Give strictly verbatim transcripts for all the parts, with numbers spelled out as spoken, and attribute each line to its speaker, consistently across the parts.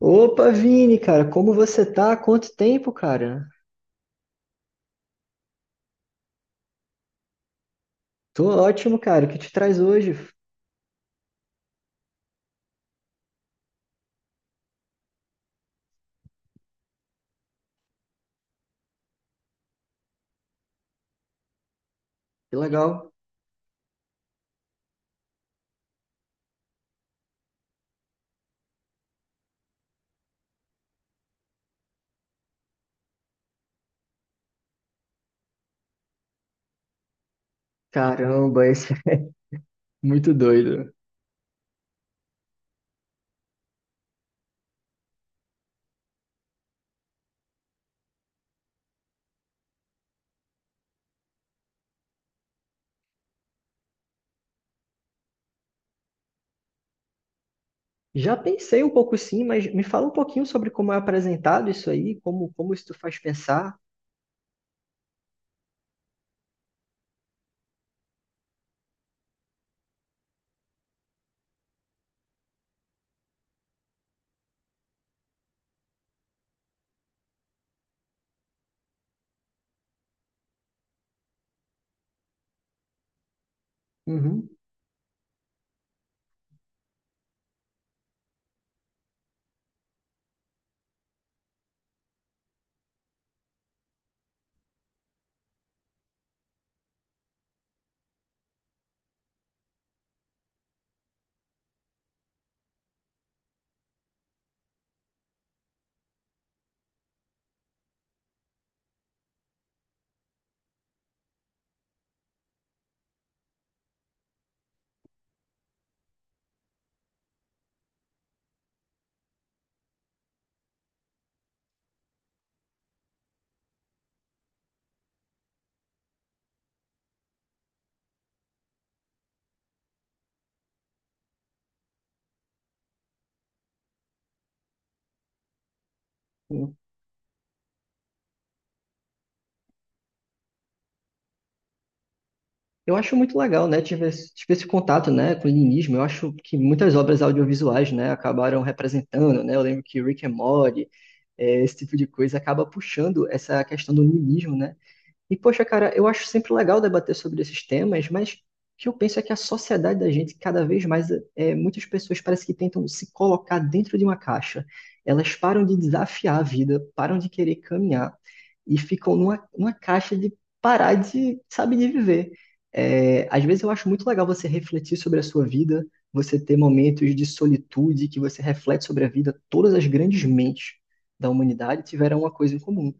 Speaker 1: Opa, Vini, cara, como você tá? Quanto tempo, cara? Tô ótimo, cara. O que te traz hoje? Que legal. Caramba, esse é muito doido. Já pensei um pouco sim, mas me fala um pouquinho sobre como é apresentado isso aí, como, como isso te faz pensar. Uhum. Eu acho muito legal, né? Tive, esse- tive esse contato, né, com o linismo. Eu acho que muitas obras audiovisuais, né, acabaram representando, né? Eu lembro que Rick and Morty, eh, esse tipo de coisa acaba puxando essa questão do niilismo, né? E, poxa, cara, eu acho sempre legal debater sobre esses temas, mas o que eu penso é que a sociedade da gente, cada vez mais, é, muitas pessoas parece que tentam se colocar dentro de uma caixa. Elas param de desafiar a vida, param de querer caminhar e ficam numa, numa caixa de parar de, sabe, de viver. É, às vezes eu acho muito legal você refletir sobre a sua vida, você ter momentos de solitude que você reflete sobre a vida. Todas as grandes mentes da humanidade tiveram uma coisa em comum,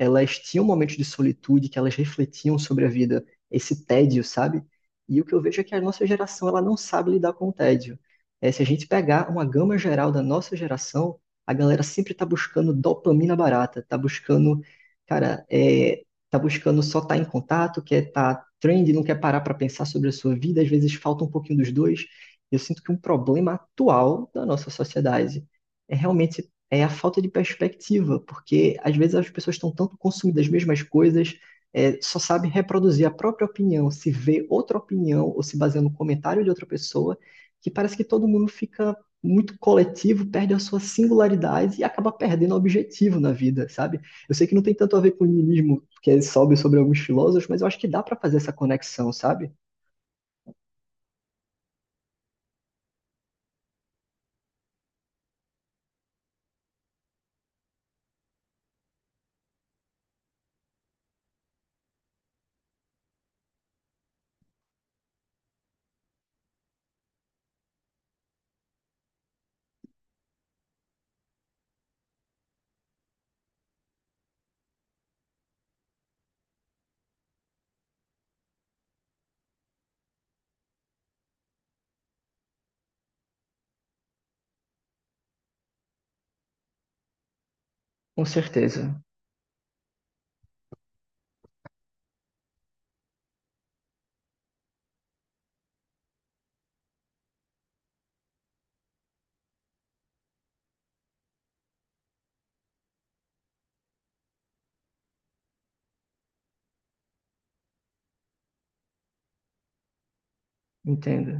Speaker 1: elas tinham momentos de solitude que elas refletiam sobre a vida, esse tédio, sabe? E o que eu vejo é que a nossa geração ela não sabe lidar com o tédio. É, se a gente pegar uma gama geral da nossa geração, a galera sempre tá buscando dopamina barata, tá buscando, cara, é, tá buscando só estar em contato, quer tá trend, não quer parar para pensar sobre a sua vida, às vezes falta um pouquinho dos dois. Eu sinto que um problema atual da nossa sociedade é realmente é a falta de perspectiva, porque às vezes as pessoas estão tanto consumidas das mesmas coisas, é, só sabe reproduzir a própria opinião, se vê outra opinião ou se baseia no comentário de outra pessoa, que parece que todo mundo fica muito coletivo, perde a sua singularidade e acaba perdendo o objetivo na vida, sabe? Eu sei que não tem tanto a ver com o niilismo que sobe sobre alguns filósofos, mas eu acho que dá para fazer essa conexão, sabe? Com certeza, entendo.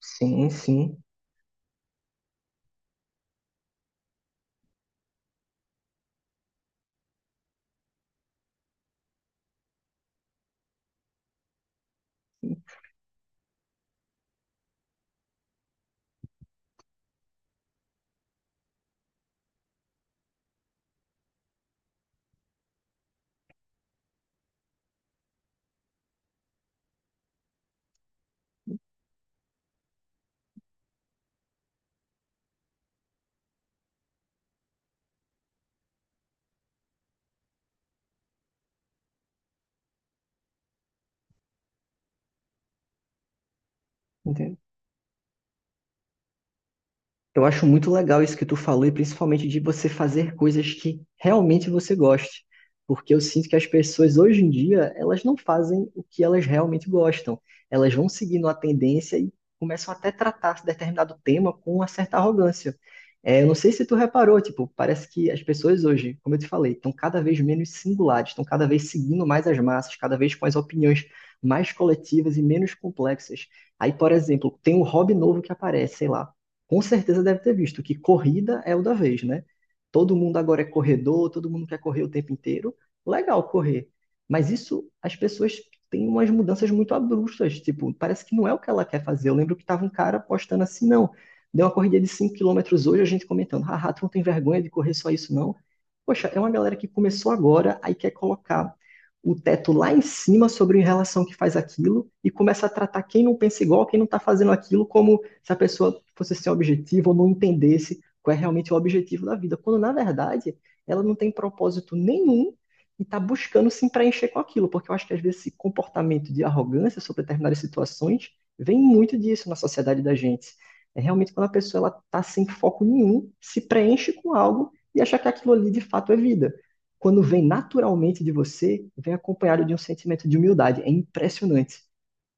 Speaker 1: Sim, sim, entendo. Eu acho muito legal isso que tu falou, e principalmente de você fazer coisas que realmente você goste. Porque eu sinto que as pessoas hoje em dia, elas não fazem o que elas realmente gostam. Elas vão seguindo a tendência e começam até a tratar determinado tema com uma certa arrogância. É, eu não sei se tu reparou, tipo, parece que as pessoas hoje, como eu te falei, estão cada vez menos singulares, estão cada vez seguindo mais as massas, cada vez com as opiniões mais coletivas e menos complexas. Aí, por exemplo, tem um hobby novo que aparece, sei lá, com certeza deve ter visto que corrida é o da vez, né? Todo mundo agora é corredor, todo mundo quer correr o tempo inteiro. Legal correr. Mas isso, as pessoas têm umas mudanças muito abruptas. Tipo, parece que não é o que ela quer fazer. Eu lembro que tava um cara postando assim, não. Deu uma corrida de cinco quilômetros hoje, a gente comentando, haha, tu não tem vergonha de correr só isso, não? Poxa, é uma galera que começou agora, aí quer colocar o teto lá em cima sobre em relação que faz aquilo e começa a tratar quem não pensa igual, quem não está fazendo aquilo como se a pessoa fosse ser objetiva ou não entendesse qual é realmente o objetivo da vida, quando na verdade ela não tem propósito nenhum e está buscando se preencher com aquilo, porque eu acho que às vezes esse comportamento de arrogância sobre determinadas situações vem muito disso na sociedade da gente. É realmente quando a pessoa está sem foco nenhum, se preenche com algo e acha que aquilo ali de fato é vida. Quando vem naturalmente de você, vem acompanhado de um sentimento de humildade. É impressionante.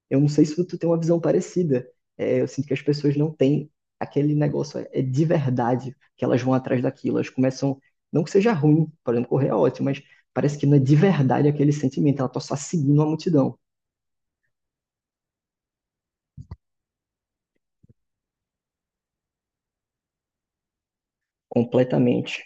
Speaker 1: Eu não sei se tu tem uma visão parecida. É, eu sinto que as pessoas não têm aquele negócio é, de verdade que elas vão atrás daquilo. Elas começam, não que seja ruim, por exemplo, correr é ótimo, mas parece que não é de verdade aquele sentimento. Ela está só seguindo a multidão completamente.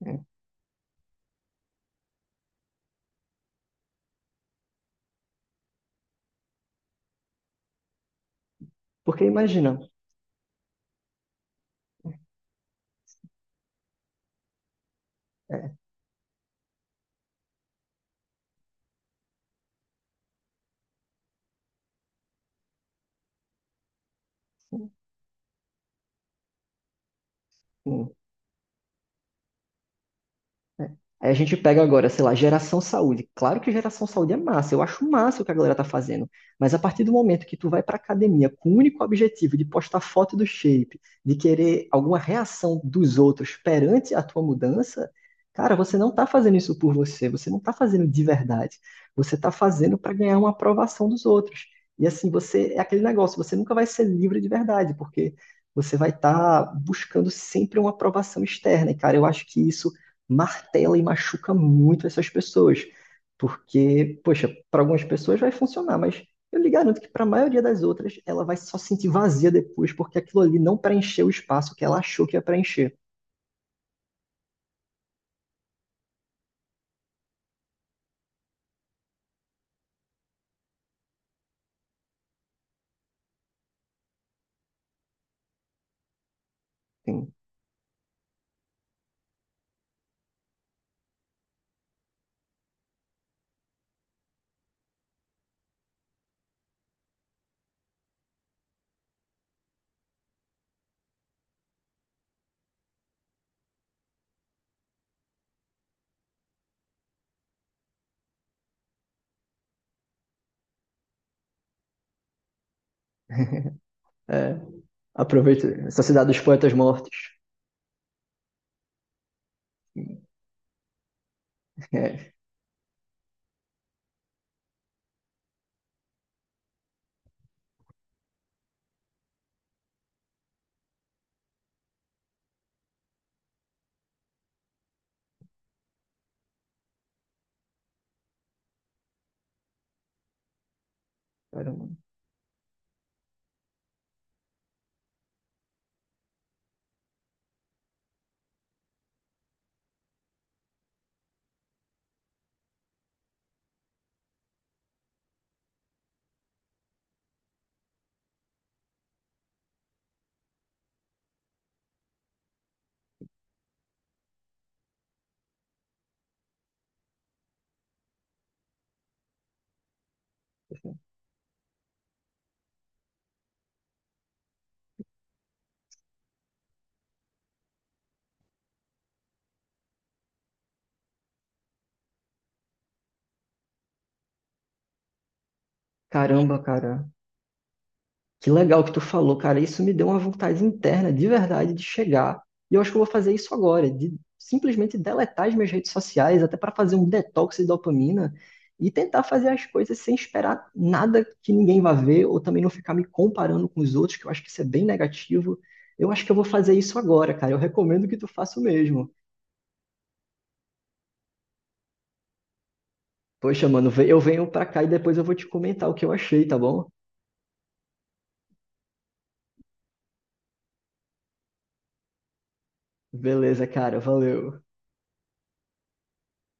Speaker 1: Né? Porque imagina, é, um, um né? Aí a gente pega agora, sei lá, geração saúde. Claro que geração saúde é massa, eu acho massa o que a galera tá fazendo. Mas a partir do momento que tu vai pra academia com o único objetivo de postar foto do shape, de querer alguma reação dos outros perante a tua mudança, cara, você não tá fazendo isso por você, você não tá fazendo de verdade. Você tá fazendo pra ganhar uma aprovação dos outros. E assim, você é aquele negócio, você nunca vai ser livre de verdade, porque você vai estar buscando sempre uma aprovação externa. E cara, eu acho que isso martela e machuca muito essas pessoas. Porque, poxa, para algumas pessoas vai funcionar, mas eu lhe garanto que para a maioria das outras ela vai só se sentir vazia depois, porque aquilo ali não preencheu o espaço que ela achou que ia preencher. Assim, é, aproveita. Sociedade dos Poetas Mortos. É, caramba, caramba, cara. Que legal que tu falou, cara. Isso me deu uma vontade interna, de verdade, de chegar. E eu acho que eu vou fazer isso agora, de simplesmente deletar as minhas redes sociais, até para fazer um detox de dopamina e tentar fazer as coisas sem esperar nada que ninguém vá ver ou também não ficar me comparando com os outros, que eu acho que isso é bem negativo. Eu acho que eu vou fazer isso agora, cara. Eu recomendo que tu faça o mesmo. Poxa, mano, ve- eu venho pra cá e depois eu vou te comentar o que eu achei, tá bom? Beleza, cara. Valeu.